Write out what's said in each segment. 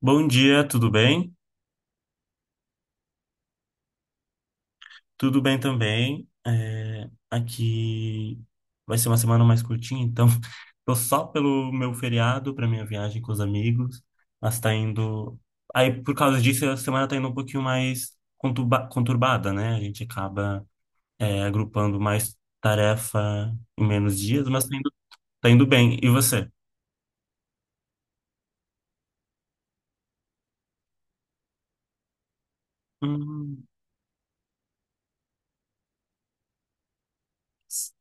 Bom dia, tudo bem? Tudo bem também. Aqui vai ser uma semana mais curtinha, então tô só pelo meu feriado para minha viagem com os amigos. Mas tá indo. Aí, por causa disso, a semana tá indo um pouquinho mais conturbada, né? A gente acaba, agrupando mais tarefa em menos dias, mas tá indo bem. E você? Hum, s-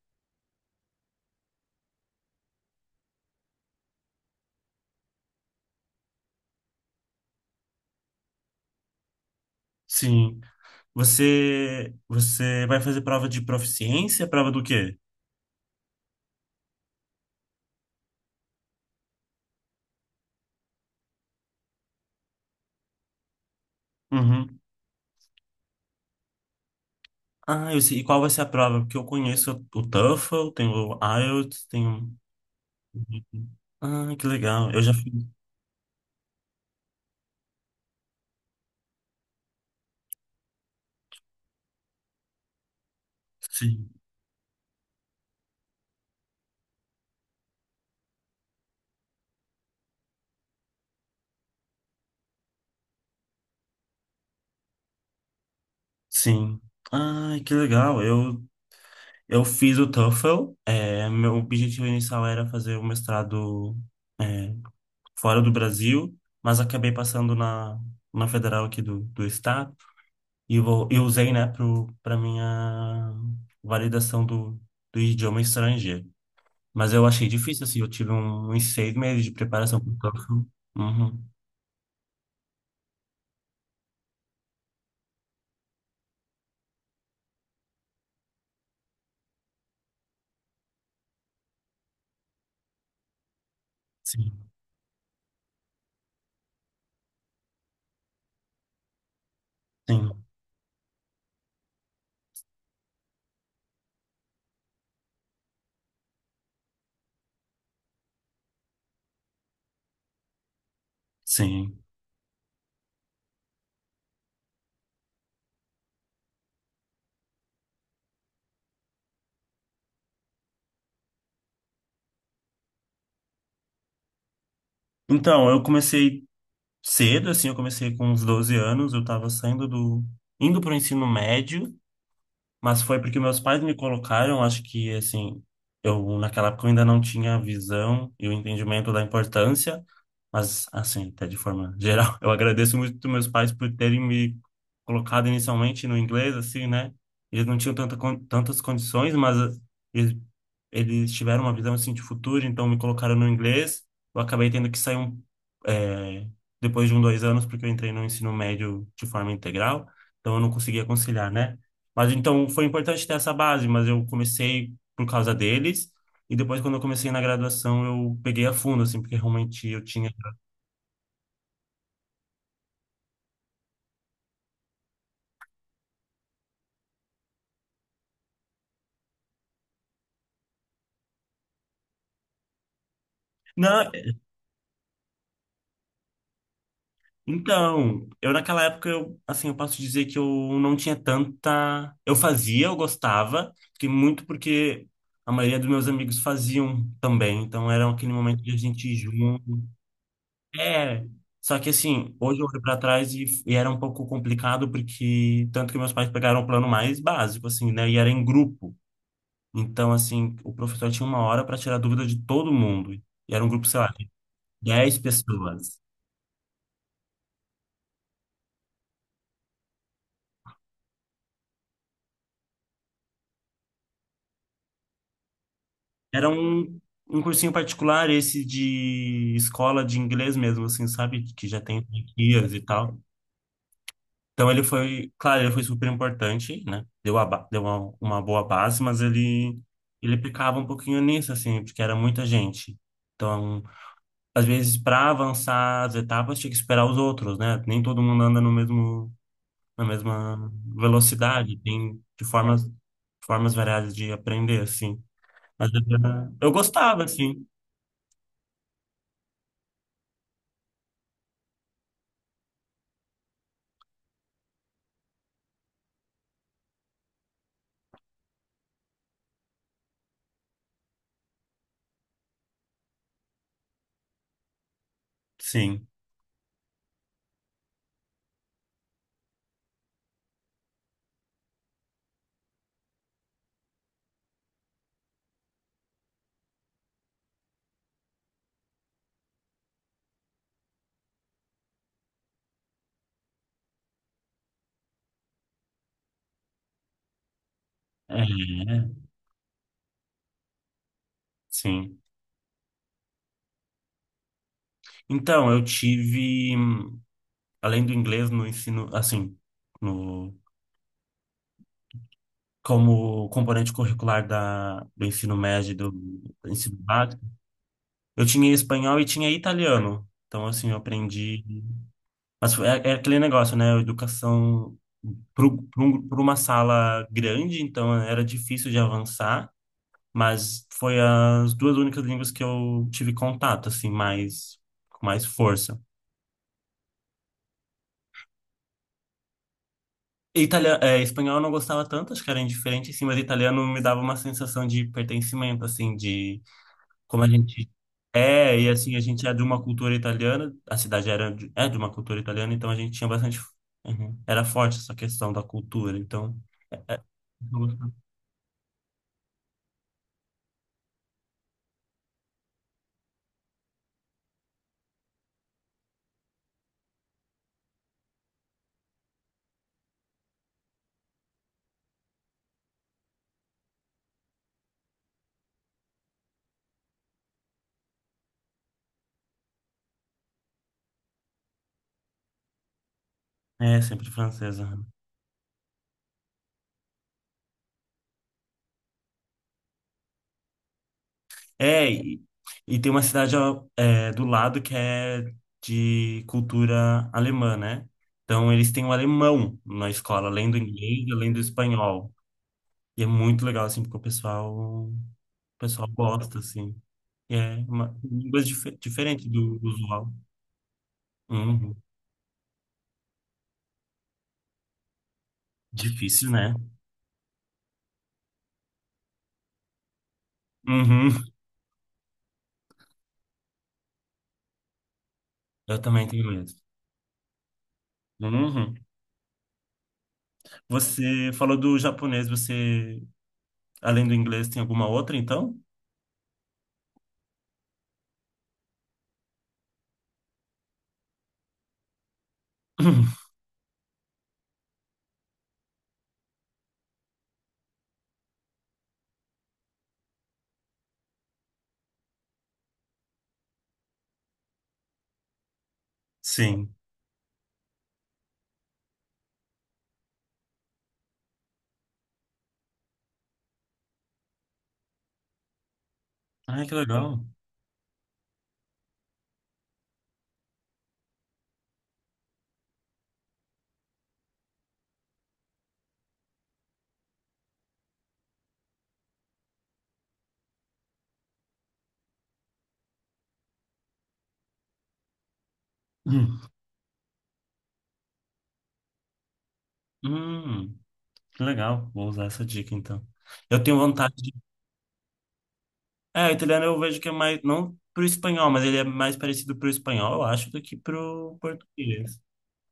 sim. Você vai fazer prova de proficiência? Prova do quê? Uhum. Ah, eu sei. E qual vai ser a prova? Porque eu conheço o TOEFL, tenho o IELTS, tenho. Ah, que legal. Eu já fiz. Sim. Sim. Ah, que legal. Eu fiz o TOEFL. Meu objetivo inicial era fazer o mestrado, é, fora do Brasil, mas acabei passando na federal aqui do estado e, e usei, né, para minha validação do idioma estrangeiro. Mas eu achei difícil, assim, eu tive uns seis meses de preparação para o TOEFL. Uhum. Sim, sim, sim. Então, eu comecei cedo, assim, eu comecei com uns 12 anos, eu estava saindo do... indo para o ensino médio, mas foi porque meus pais me colocaram, acho que, assim, eu naquela época eu ainda não tinha a visão e o entendimento da importância. Mas, assim, até de forma geral, eu agradeço muito meus pais por terem me colocado inicialmente no inglês, assim, né? Eles não tinham tanta, tantas condições, mas eles, eles tiveram uma visão, assim, de futuro, então me colocaram no inglês. Eu acabei tendo que sair eh, depois de um, dois anos, porque eu entrei no ensino médio de forma integral, então eu não conseguia conciliar, né? Mas, então, foi importante ter essa base, mas eu comecei por causa deles. E depois, quando eu comecei na graduação, eu peguei a fundo, assim, porque realmente eu tinha. Não, então, eu naquela época, assim, eu posso dizer que eu não tinha tanta. Eu fazia, eu gostava, porque muito porque a maioria dos meus amigos faziam também, então era aquele momento de a gente ir junto. É, só que assim, hoje eu olho pra trás e era um pouco complicado, porque tanto que meus pais pegaram o plano mais básico, assim, né, e era em grupo. Então, assim, o professor tinha uma hora para tirar dúvida de todo mundo, e era um grupo, sei lá, de 10 pessoas. Era um cursinho particular, esse de escola de inglês mesmo, assim, sabe? Que já tem franquias e tal. Então ele foi, claro, ele foi super importante, né? Deu uma boa base, mas ele pecava um pouquinho nisso, assim, porque era muita gente. Então, às vezes, para avançar as etapas, tinha que esperar os outros, né? Nem todo mundo anda no mesmo, na mesma velocidade, tem de formas, formas variadas de aprender, assim. Mas eu gostava, assim, sim. É, sim. Então, eu tive, além do inglês no ensino, assim, no, como componente curricular do ensino médio e do ensino básico, eu tinha espanhol e tinha italiano. Então, assim, eu aprendi. Mas é, é aquele negócio, né? Educação para uma sala grande, então era difícil de avançar, mas foi as duas únicas línguas que eu tive contato, assim, mais, com mais força. Italiano, espanhol eu não gostava tanto, acho que era indiferente, assim, mas italiano me dava uma sensação de pertencimento, assim, de como a gente é, e assim, a gente é de uma cultura italiana, a cidade era de, é de uma cultura italiana, então a gente tinha bastante. Uhum. Era forte essa questão da cultura, então. Eu gostava. É, sempre francesa, né? É, e tem uma cidade ó, é, do lado que é de cultura alemã, né? Então eles têm o alemão na escola, além do inglês, além do espanhol. E é muito legal, assim, porque o pessoal gosta, assim. E é uma língua diferente do usual. Uhum. Difícil, né? Uhum. Eu também tenho medo. Uhum. Você falou do japonês, você, além do inglês, tem alguma outra, então? Sim. Ai, que legal. Hum. Hum, que legal. Vou usar essa dica, então. Eu tenho vontade de... É, o italiano eu vejo que é mais... Não pro espanhol, mas ele é mais parecido pro espanhol, eu acho, do que pro português.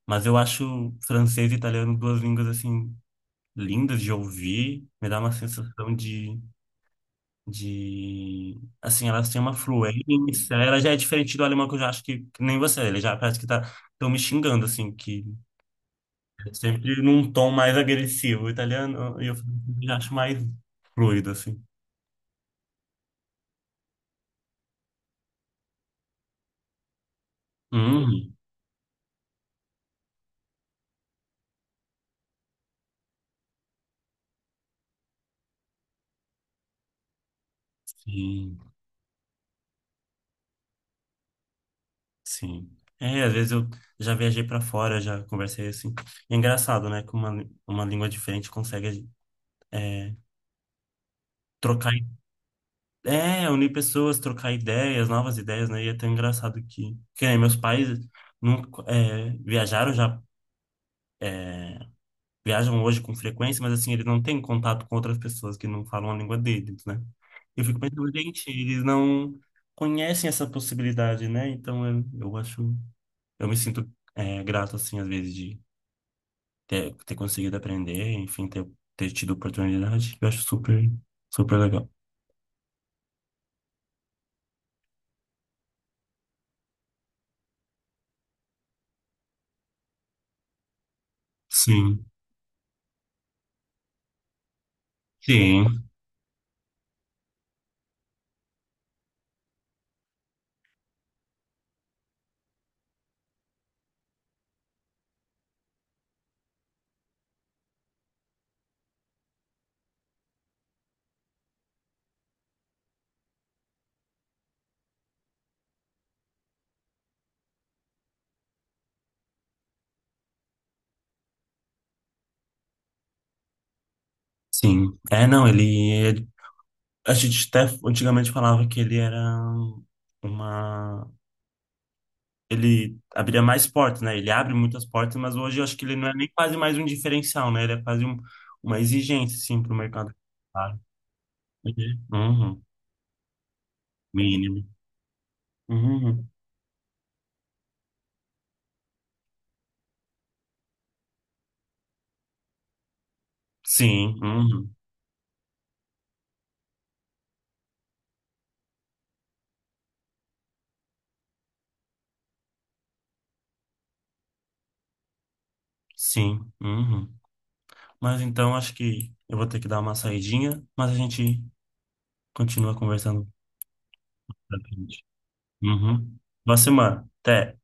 Mas eu acho francês e italiano duas línguas, assim, lindas de ouvir. Me dá uma sensação de... Assim, elas têm uma fluência. Ela já é diferente do alemão, que eu já acho que nem você. Ele já parece que tá, tão me xingando, assim, que é sempre num tom mais agressivo. O italiano, eu já acho mais fluido, assim. Hum, sim, sim. É, às vezes eu já viajei para fora, já conversei assim. E é engraçado, né? Que uma língua diferente consegue é, trocar. É, unir pessoas, trocar ideias, novas ideias, né? E é tão engraçado que nem meus pais nunca, é, viajaram já, é, viajam hoje com frequência, mas assim, eles não têm contato com outras pessoas que não falam a língua deles, né? Eu fico pensando, gente, eles não conhecem essa possibilidade, né? Então eu acho, eu me sinto, é, grato, assim, às vezes, de ter conseguido aprender, enfim, ter tido oportunidade. Eu acho super, super legal. Sim, sim. Sim. É, não, ele é. A gente até antigamente falava que ele era uma. Ele abria mais portas, né? Ele abre muitas portas, mas hoje eu acho que ele não é nem quase mais um diferencial, né? Ele é quase um, uma exigência, sim, para o mercado. Claro. Uhum. Mínimo. Uhum. Sim, uhum. Sim, uhum. Mas então acho que eu vou ter que dar uma saidinha, mas a gente continua conversando pra frente. Uhum. Boa semana. Até.